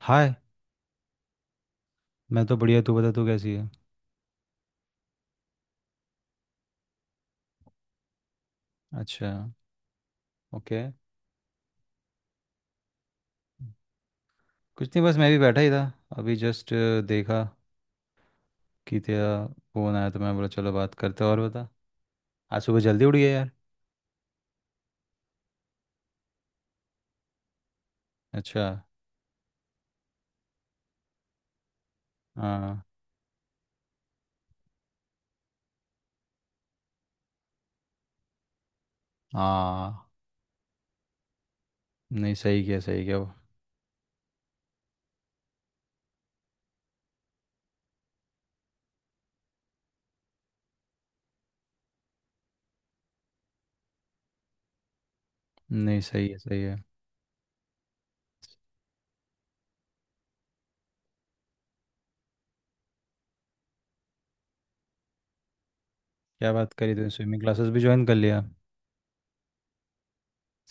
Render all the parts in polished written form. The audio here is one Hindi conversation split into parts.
हाय। मैं तो बढ़िया, तू बता, तू कैसी है? अच्छा। ओके। कुछ नहीं, बस मैं भी बैठा ही था, अभी जस्ट देखा कि तेरा फ़ोन आया तो मैं बोला चलो बात करते हैं। और बता, आज सुबह जल्दी उठ गया यार। अच्छा। हाँ। हाँ, नहीं सही किया, सही किया। नहीं सही है, सही है। क्या बात करी तूने, स्विमिंग क्लासेस भी ज्वाइन कर लिया?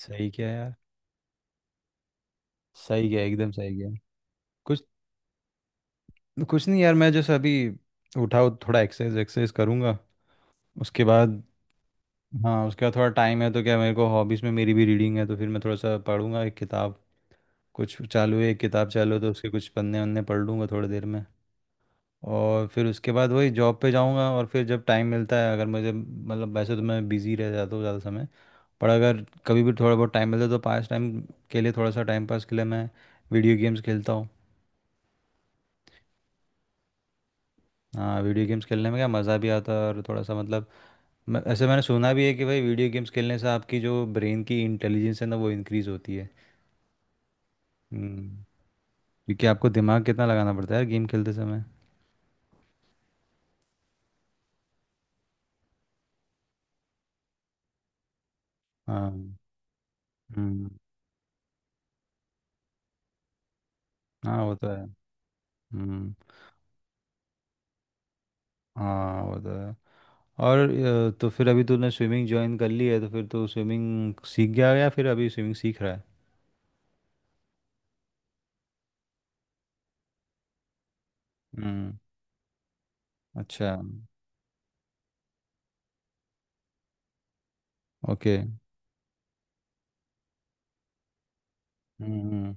सही किया यार, सही किया, एकदम सही किया। कुछ कुछ नहीं यार, मैं जैसे अभी उठा हूँ, थोड़ा एक्सरसाइज एक्सरसाइज करूँगा उसके बाद। हाँ, उसके बाद थोड़ा टाइम है तो क्या, मेरे को हॉबीज़ में मेरी भी रीडिंग है तो फिर मैं थोड़ा सा पढ़ूंगा एक किताब। कुछ चालू है, एक किताब चालू है तो उसके कुछ पन्ने वन्ने पढ़ लूँगा थोड़ी देर में। और फिर उसके बाद वही जॉब पे जाऊँगा। और फिर जब टाइम मिलता है, अगर मुझे, मतलब वैसे तो मैं बिज़ी रह जाता हूँ ज़्यादा समय, पर अगर कभी भी थोड़ा बहुत टाइम मिलता है तो पास टाइम के लिए, थोड़ा सा टाइम पास के लिए मैं वीडियो गेम्स खेलता हूँ। हाँ, वीडियो गेम्स खेलने में क्या मज़ा भी आता है और थोड़ा सा मतलब ऐसे मैंने सुना भी है कि भाई वीडियो गेम्स खेलने से आपकी जो ब्रेन की इंटेलिजेंस है ना, वो इंक्रीज़ होती है। हम्म, क्योंकि आपको दिमाग कितना लगाना पड़ता है यार गेम खेलते समय। हाँ। हम्म। हाँ वो तो है। हम्म। हाँ वो तो है। और तो फिर अभी तूने स्विमिंग ज्वाइन कर ली है तो फिर तू स्विमिंग सीख गया या फिर अभी स्विमिंग सीख रहा है? हम्म। अच्छा। ओके। हम्म।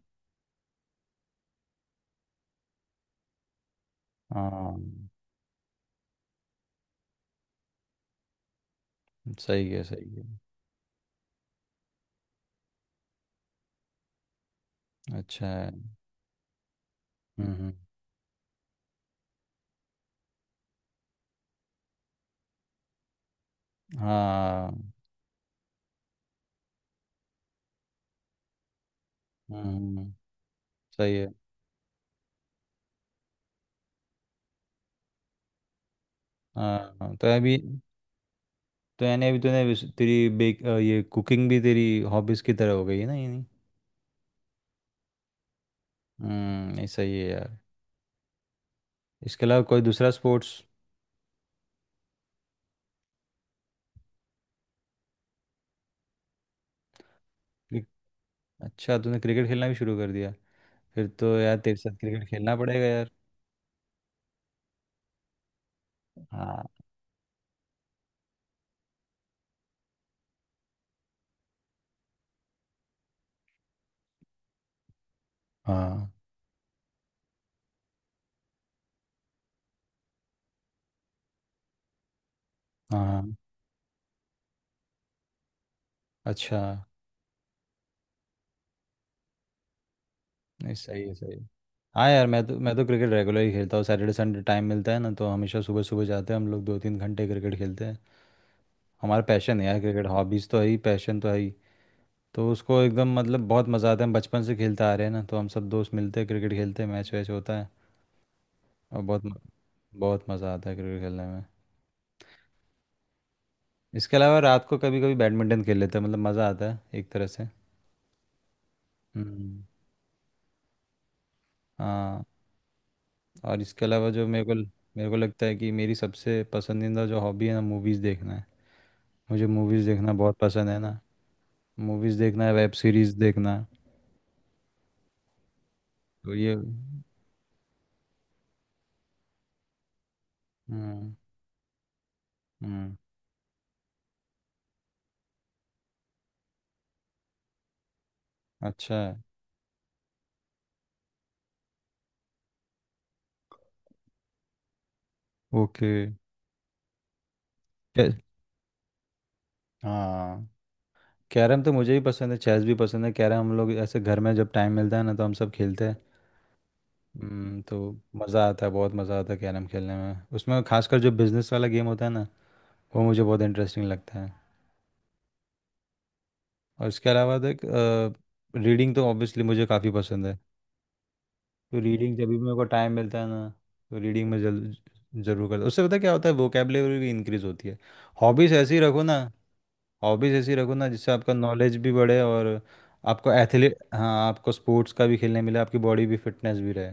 हाँ सही है, सही है। अच्छा है। हम्म। हाँ। हम्म। सही है। हाँ तो अभी, तो यानी अभी तूने तेरी ये कुकिंग भी तेरी हॉबीज की तरह हो गई है ना, यानी। हम्म, नहीं सही है यार। इसके अलावा कोई दूसरा स्पोर्ट्स? अच्छा, तूने क्रिकेट खेलना भी शुरू कर दिया? फिर तो यार तेरे साथ क्रिकेट खेलना पड़ेगा यार। हाँ। हाँ। हाँ। अच्छा। नहीं सही है, सही है। हाँ यार, मैं तो क्रिकेट रेगुलर ही खेलता हूँ, सैटरडे संडे टाइम मिलता है ना तो हमेशा सुबह सुबह जाते हैं हम लोग, दो तीन घंटे क्रिकेट खेलते हैं। हमारा पैशन है यार क्रिकेट, हॉबीज़ तो है ही, पैशन तो है ही। तो उसको एकदम मतलब बहुत मज़ा आता है, हम बचपन से खेलते आ रहे हैं ना, तो हम सब दोस्त मिलते हैं क्रिकेट खेलते हैं, मैच वैच होता है और बहुत बहुत मज़ा आता है क्रिकेट खेलने में। इसके अलावा रात को कभी कभी बैडमिंटन खेल लेते हैं, मतलब मज़ा आता है एक तरह से। हम्म। हाँ। और इसके अलावा जो मेरे को लगता है कि मेरी सबसे पसंदीदा जो हॉबी है ना, मूवीज़ देखना है। मुझे मूवीज़ देखना बहुत पसंद है ना। मूवीज़ देखना है, वेब सीरीज़ देखना है। तो ये। हम्म। हम्म। अच्छा है। ओके। कै- हाँ, कैरम तो मुझे भी पसंद है, चेस भी पसंद है। कैरम हम लोग ऐसे घर में जब टाइम मिलता है ना तो हम सब खेलते हैं। तो मज़ा आता है, बहुत मज़ा आता है कैरम खेलने में, उसमें खासकर जो बिजनेस वाला गेम होता है ना, वो मुझे बहुत इंटरेस्टिंग लगता है। और इसके अलावा देख, रीडिंग तो ऑब्वियसली मुझे काफ़ी पसंद है। तो रीडिंग जब भी मेरे को टाइम मिलता है ना तो रीडिंग में जल ज़रूर करता हूँ। उससे पता है क्या होता है, वोकेबलरी भी इंक्रीज़ होती है। हॉबीज़ ऐसी रखो ना, हॉबीज़ ऐसी रखो ना जिससे आपका नॉलेज भी बढ़े और आपको एथलीट, हाँ, आपको स्पोर्ट्स का भी खेलने मिले, आपकी बॉडी भी, फिटनेस भी रहे।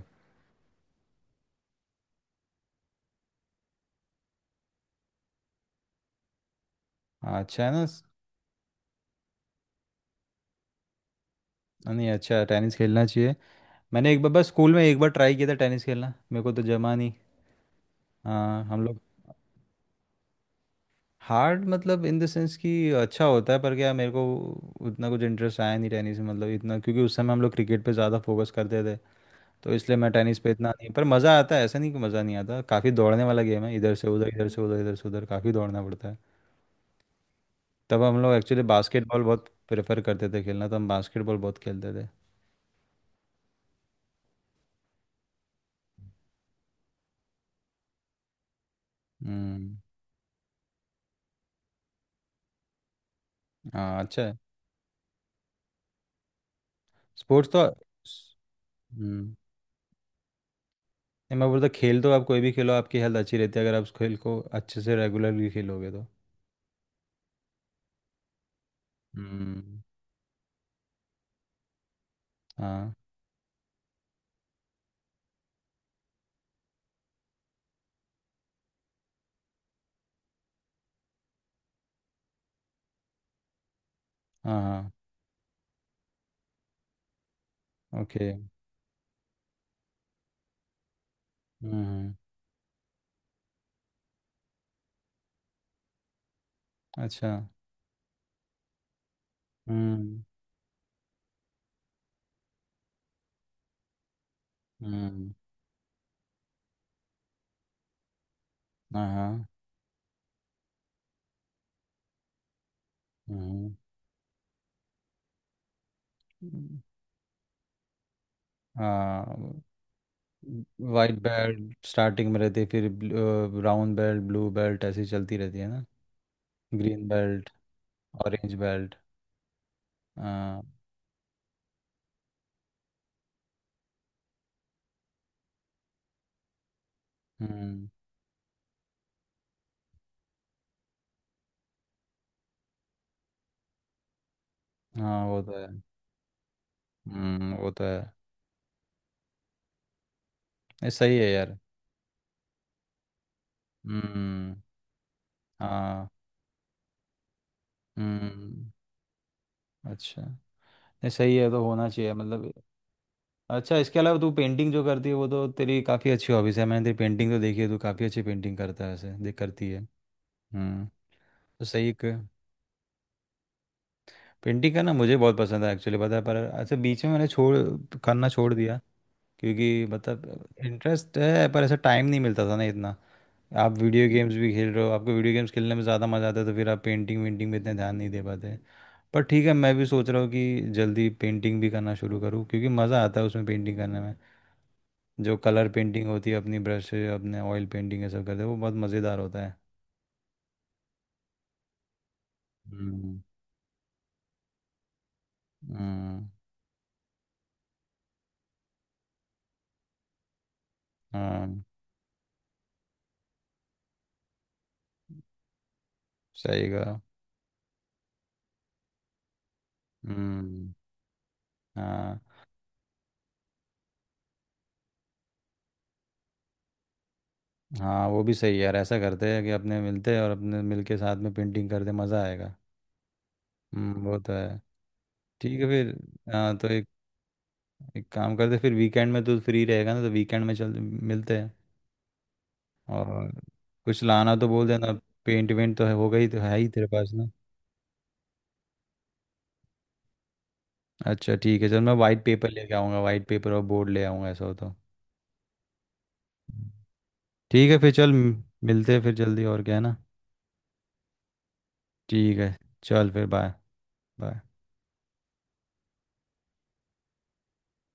हाँ अच्छा है ना। हाँ, नहीं अच्छा है, टेनिस खेलना चाहिए। मैंने एक बार बस स्कूल में एक बार ट्राई किया था टेनिस खेलना, मेरे को तो जमा नहीं। हाँ हम लोग। हार्ड मतलब इन द सेंस कि अच्छा होता है, पर क्या मेरे को उतना कुछ इंटरेस्ट आया नहीं टेनिस में, मतलब इतना, क्योंकि उस समय हम लोग क्रिकेट पे ज़्यादा फोकस करते थे, तो इसलिए मैं टेनिस पे इतना नहीं। पर मज़ा आता है, ऐसा नहीं कि मज़ा नहीं आता, काफ़ी दौड़ने वाला गेम है, इधर से उधर, इधर से उधर, इधर से उधर, काफ़ी दौड़ना पड़ता है। तब हम लोग एक्चुअली बास्केटबॉल बहुत प्रेफर करते थे खेलना, तो हम बास्केटबॉल बहुत खेलते थे। हम्म। हाँ अच्छा है, स्पोर्ट्स तो। हम्म। नहीं, मैं बोलता खेल तो आप कोई भी खेलो, आपकी हेल्थ अच्छी रहती है अगर आप उस खेल को अच्छे से रेगुलरली खेलोगे तो। हम्म। हाँ। हाँ। हाँ। ओके। हम्म। अच्छा। हम्म। हम्म। हाँ। हाँ। हम्म। हम्म, हाँ। वाइट बेल्ट स्टार्टिंग में रहती है, फिर ब्राउन बेल्ट, ब्लू बेल्ट ऐसी चलती रहती है ना, ग्रीन बेल्ट, ऑरेंज बेल्ट। हाँ। हम्म। हाँ वो तो है। वो तो है। ये सही है यार। हम्म। हाँ। हम्म। अच्छा। ये सही है, तो होना चाहिए मतलब। अच्छा, इसके अलावा तू पेंटिंग जो करती है वो तो तेरी काफ़ी अच्छी हॉबीज है। मैंने तेरी पेंटिंग तो देखी है, तू काफ़ी अच्छी पेंटिंग करता है ऐसे, देख करती है। हम्म। तो सही, एक पेंटिंग करना मुझे बहुत पसंद है एक्चुअली पता है, पर अच्छा बीच में मैंने छोड़, करना छोड़ दिया, क्योंकि मतलब इंटरेस्ट है पर ऐसा टाइम नहीं मिलता था ना इतना। आप वीडियो गेम्स भी खेल रहे हो, आपको वीडियो गेम्स खेलने में ज़्यादा मज़ा आता है तो फिर आप पेंटिंग वेंटिंग में इतना ध्यान नहीं दे पाते। पर ठीक है, मैं भी सोच रहा हूँ कि जल्दी पेंटिंग भी करना शुरू करूँ, क्योंकि मज़ा आता है उसमें, पेंटिंग करने में। जो कलर पेंटिंग होती है अपनी ब्रश से, अपने ऑयल पेंटिंग ये सब करते हैं, वो बहुत मज़ेदार होता है। हम्म। हम्म। हाँ सही कहा। हम्म। हाँ। हाँ वो भी सही है यार, ऐसा करते हैं कि अपने मिलते हैं और अपने मिल के साथ में पेंटिंग करते, मज़ा आएगा। वो तो है। ठीक है फिर। हाँ तो एक एक काम करते, फिर वीकेंड में तो फ्री रहेगा ना, तो वीकेंड में चल मिलते हैं। और कुछ लाना तो बोल देना, पेंट वेंट तो है, होगा ही, तो है ही तेरे पास ना। अच्छा ठीक है, चल मैं वाइट पेपर लेके आऊँगा, वाइट पेपर और बोर्ड ले आऊँगा ऐसा, हो तो। ठीक है फिर, चल मिलते हैं फिर जल्दी, और क्या है ना। ठीक है। चल फिर, बाय बाय।